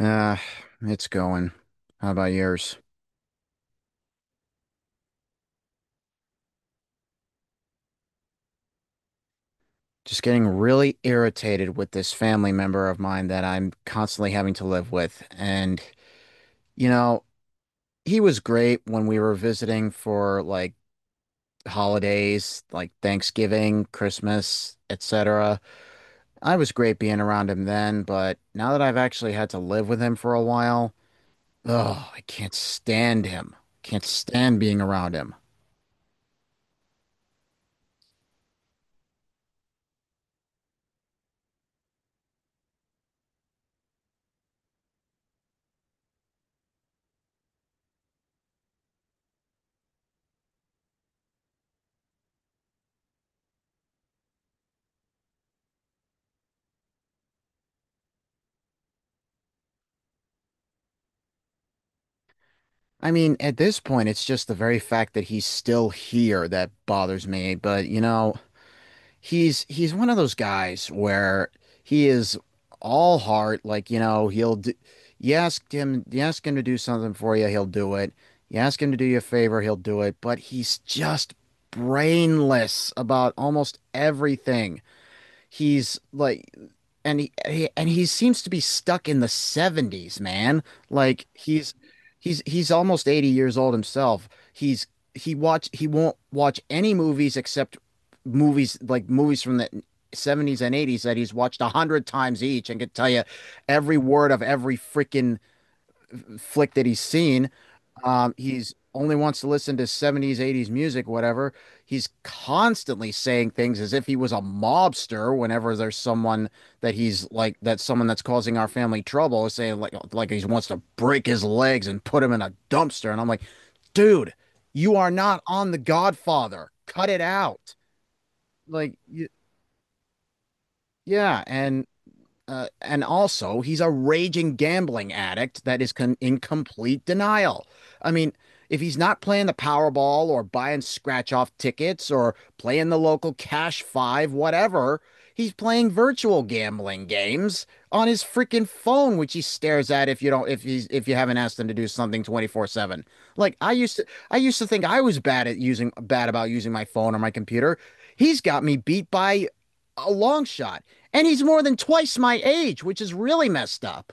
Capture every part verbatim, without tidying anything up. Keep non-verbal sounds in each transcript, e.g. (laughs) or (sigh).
Ah, it's going. How about yours? Just getting really irritated with this family member of mine that I'm constantly having to live with. And, you know, he was great when we were visiting for like holidays, like Thanksgiving, Christmas, et cetera. I was great being around him then, but now that I've actually had to live with him for a while, oh, I can't stand him. Can't stand being around him. I mean, at this point, it's just the very fact that he's still here that bothers me. But you know, he's he's one of those guys where he is all heart. Like you know, he'll do, you ask him you ask him to do something for you, he'll do it. You ask him to do you a favor, he'll do it. But he's just brainless about almost everything. He's like, and he, he and he seems to be stuck in the seventies, man. Like he's he's he's almost eighty years old himself. He's he watch he won't watch any movies except movies like movies from the seventies and eighties that he's watched a hundred times each and can tell you every word of every freaking flick that he's seen. Um, he's only wants to listen to seventies, eighties music, whatever. He's constantly saying things as if he was a mobster whenever there's someone that he's like that's someone that's causing our family trouble, saying like like he wants to break his legs and put him in a dumpster. And I'm like, dude, you are not on The Godfather. Cut it out. Like, y yeah, and uh, and also, he's a raging gambling addict that is con in complete denial. I mean, if he's not playing the Powerball or buying scratch off tickets or playing the local Cash Five, whatever, he's playing virtual gambling games on his freaking phone, which he stares at if you don't if he's if you haven't asked him to do something twenty-four seven. Like I used to I used to think I was bad at using bad about using my phone or my computer. He's got me beat by a long shot. And he's more than twice my age, which is really messed up.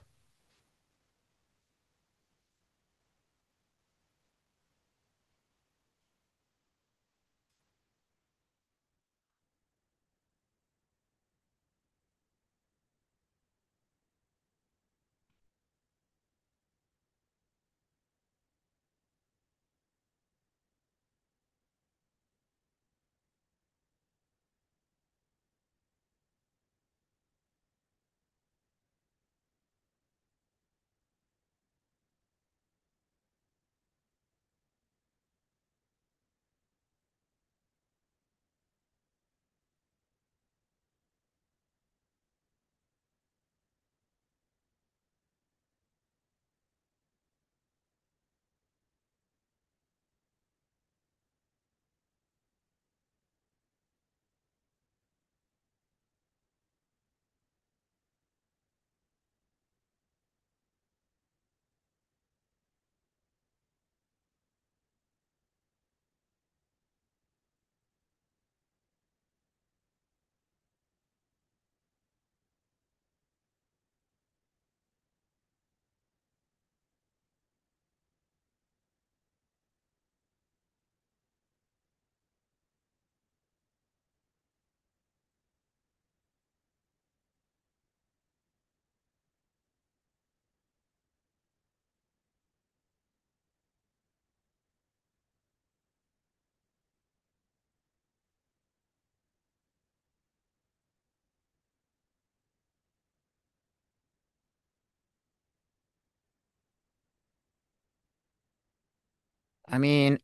I mean,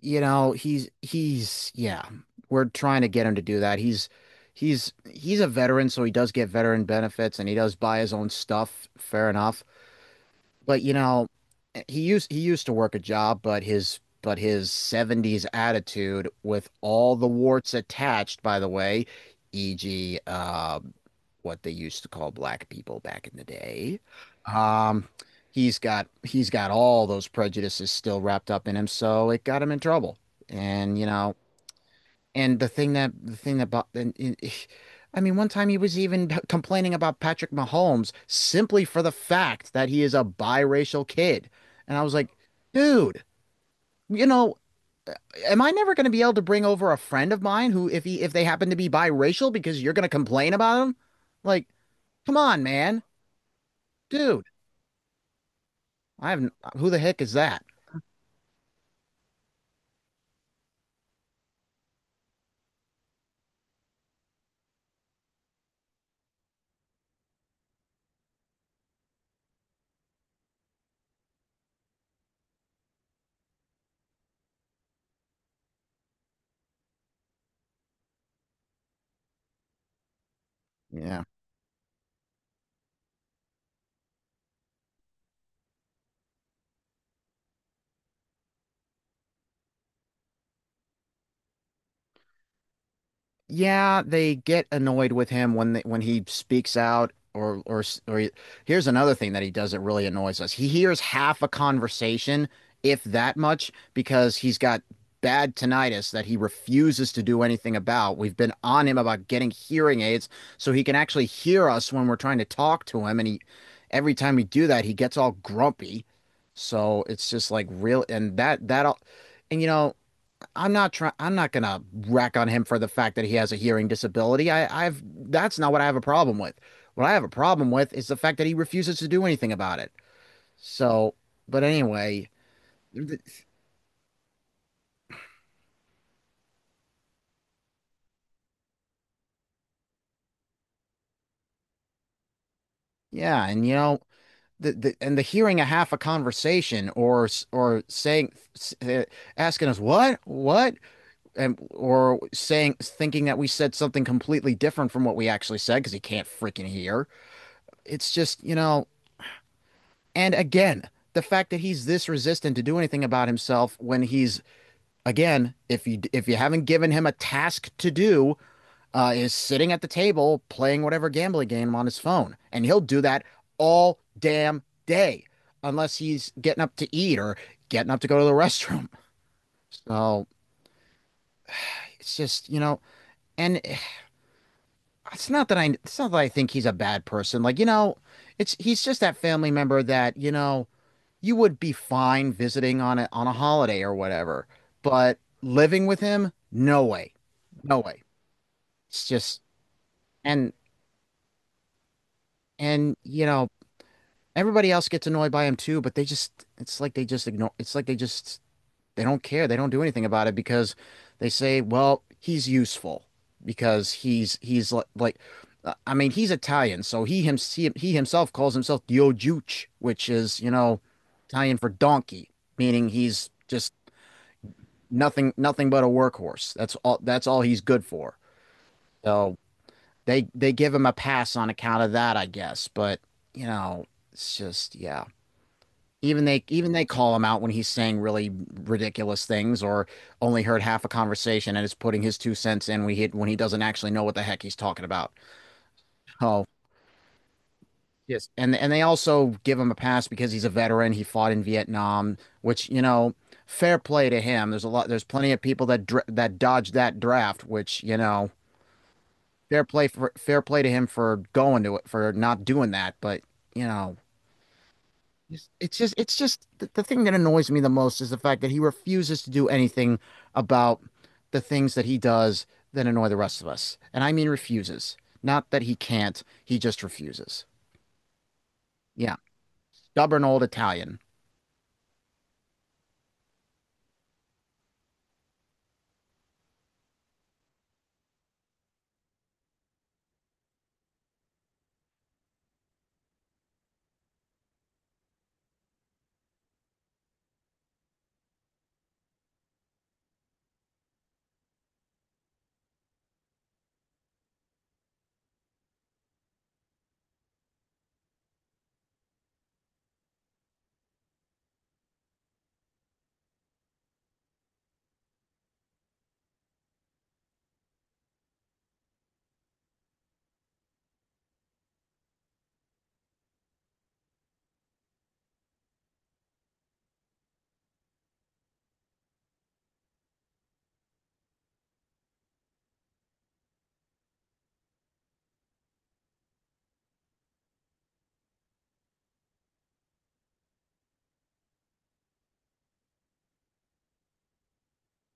you know, he's he's Yeah, we're trying to get him to do that. He's he's he's a veteran, so he does get veteran benefits and he does buy his own stuff, fair enough. But you know, he used he used to work a job, but his but his seventies attitude with all the warts attached, by the way, e g, uh, what they used to call black people back in the day. Um, he's got he's got all those prejudices still wrapped up in him, so it got him in trouble. And you know, and the thing that the thing that bo- and, and- (sighs) I mean, one time he was even (laughs) complaining about Patrick Mahomes simply for the fact that he is a biracial kid. And I was like, dude, you know, am I never going to be able to bring over a friend of mine who, if he if they happen to be biracial, because you're going to complain about him? Like, come on, man. Dude, I have who the heck is that? Yeah. Yeah, they get annoyed with him when they, when he speaks out or or or he- here's another thing that he does that really annoys us. He hears half a conversation, if that much, because he's got bad tinnitus that he refuses to do anything about. We've been on him about getting hearing aids so he can actually hear us when we're trying to talk to him and he every time we do that, he gets all grumpy. So it's just like real and that that all and you know I'm not trying. I'm not gonna rack on him for the fact that he has a hearing disability. I, I've That's not what I have a problem with. What I have a problem with is the fact that he refuses to do anything about it. So, but anyway, th- yeah, and you know, the, the and the hearing a half a conversation or s- or saying s- uh, asking us what what and or saying thinking that we said something completely different from what we actually said because he can't freaking hear. It's just, you know, and again, the fact that he's this resistant to do anything about himself when he's again, if you if you haven't given him a task to do, uh, is sitting at the table playing whatever gambling game on his phone, and he'll do that all damn day unless he's getting up to eat or getting up to go to the (laughs) restroom. So it's just you know, and it's not that I it's not that I think he's a bad person. Like you know, it's he's just that family member that you know you would be fine visiting on a on a holiday or whatever, but living with him, no way. No way. It's just, and and you know, everybody else gets annoyed by him too, but they just it's like they just ignore it's like they just they don't care. They don't do anything about it because they say, "Well, he's useful because he's he's like, like uh, I mean, he's Italian, so he him he, he himself calls himself Diojuce, which is, you know, Italian for donkey, meaning he's just nothing nothing but a workhorse. That's all that's all he's good for. So they they give him a pass on account of that, I guess. But you know, it's just yeah. Even they even they call him out when he's saying really ridiculous things or only heard half a conversation and is putting his two cents in when he when he doesn't actually know what the heck he's talking about. Oh, and and they also give him a pass because he's a veteran. He fought in Vietnam, which you know, fair play to him. There's a lot. There's plenty of people that dr- that dodged that draft, which you know, fair play for fair play to him for going to it for not doing that, but you know, it's just it's just the, the thing that annoys me the most is the fact that he refuses to do anything about the things that he does that annoy the rest of us. And I mean refuses. Not that he can't, he just refuses. Yeah. Stubborn old Italian.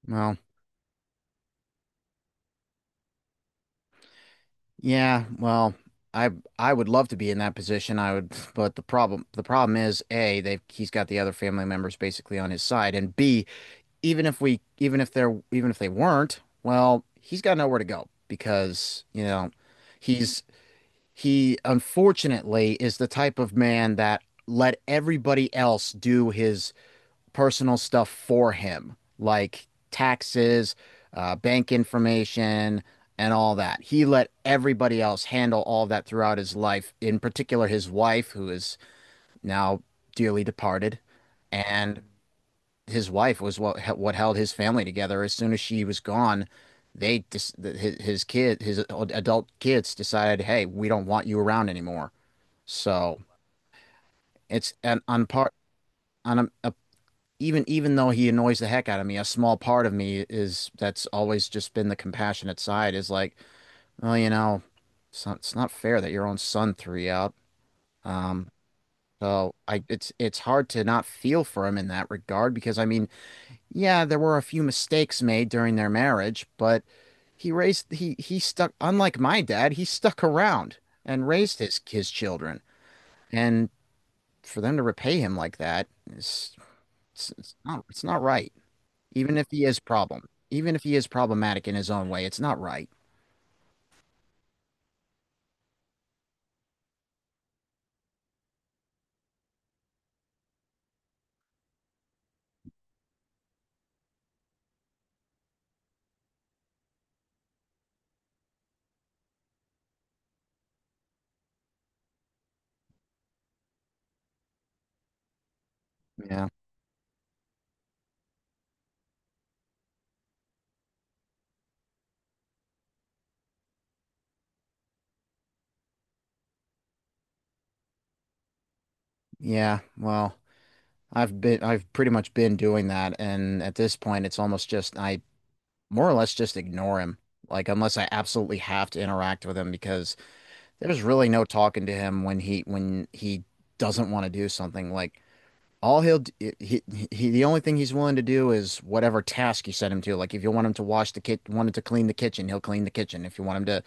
Well, yeah, well, I I would love to be in that position. I would, but the problem the problem is A, they've he's got the other family members basically on his side, and B, even if we even if they're even if they weren't, well, he's got nowhere to go because, you know, he's he unfortunately is the type of man that let everybody else do his personal stuff for him, like taxes, uh, bank information, and all that. He let everybody else handle all that throughout his life, in particular his wife, who is now dearly departed, and his wife was what what held his family together. As soon as she was gone, they dis his his kid his adult kids decided, hey, we don't want you around anymore. So it's an on part on a, a even even though he annoys the heck out of me, a small part of me is that's always just been the compassionate side is like, well, you know, it's not, it's not fair that your own son threw you out. Um, so I it's it's hard to not feel for him in that regard because I mean yeah, there were a few mistakes made during their marriage, but he raised he he stuck unlike my dad, he stuck around and raised his his children. And for them to repay him like that is it's, it's not it's not right. Even if he is problem, even if he is problematic in his own way, it's not right. Yeah. Yeah. Well, I've been I've pretty much been doing that and at this point it's almost just I more or less just ignore him. Like unless I absolutely have to interact with him because there's really no talking to him when he when he doesn't want to do something. Like all he'll d- he, he the only thing he's willing to do is whatever task you set him to. Like if you want him to wash the kit, wanted to clean the kitchen, he'll clean the kitchen. If you want him to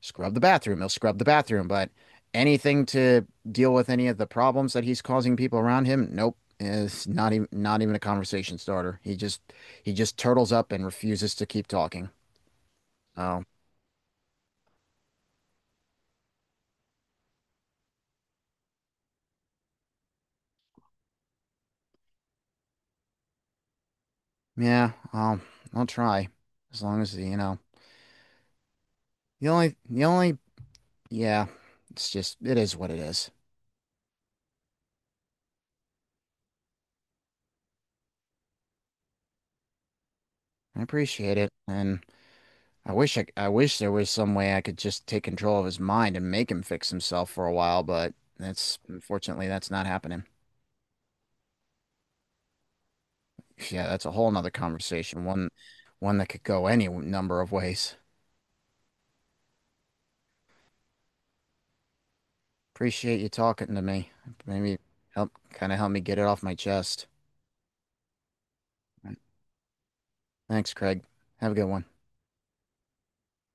scrub the bathroom, he'll scrub the bathroom. But anything to deal with any of the problems that he's causing people around him, nope. Is not even not even a conversation starter. He just he just turtles up and refuses to keep talking. Oh yeah, I'll I'll try as long as you know. The only, the only, yeah, it's just, it is what it is. I appreciate it, and I wish I, I wish there was some way I could just take control of his mind and make him fix himself for a while, but that's, unfortunately, that's not happening. (laughs) Yeah, that's a whole nother conversation, one, one that could go any number of ways. Appreciate you talking to me. Maybe help, kind of help me get it off my chest. Thanks, Craig. Have a good one.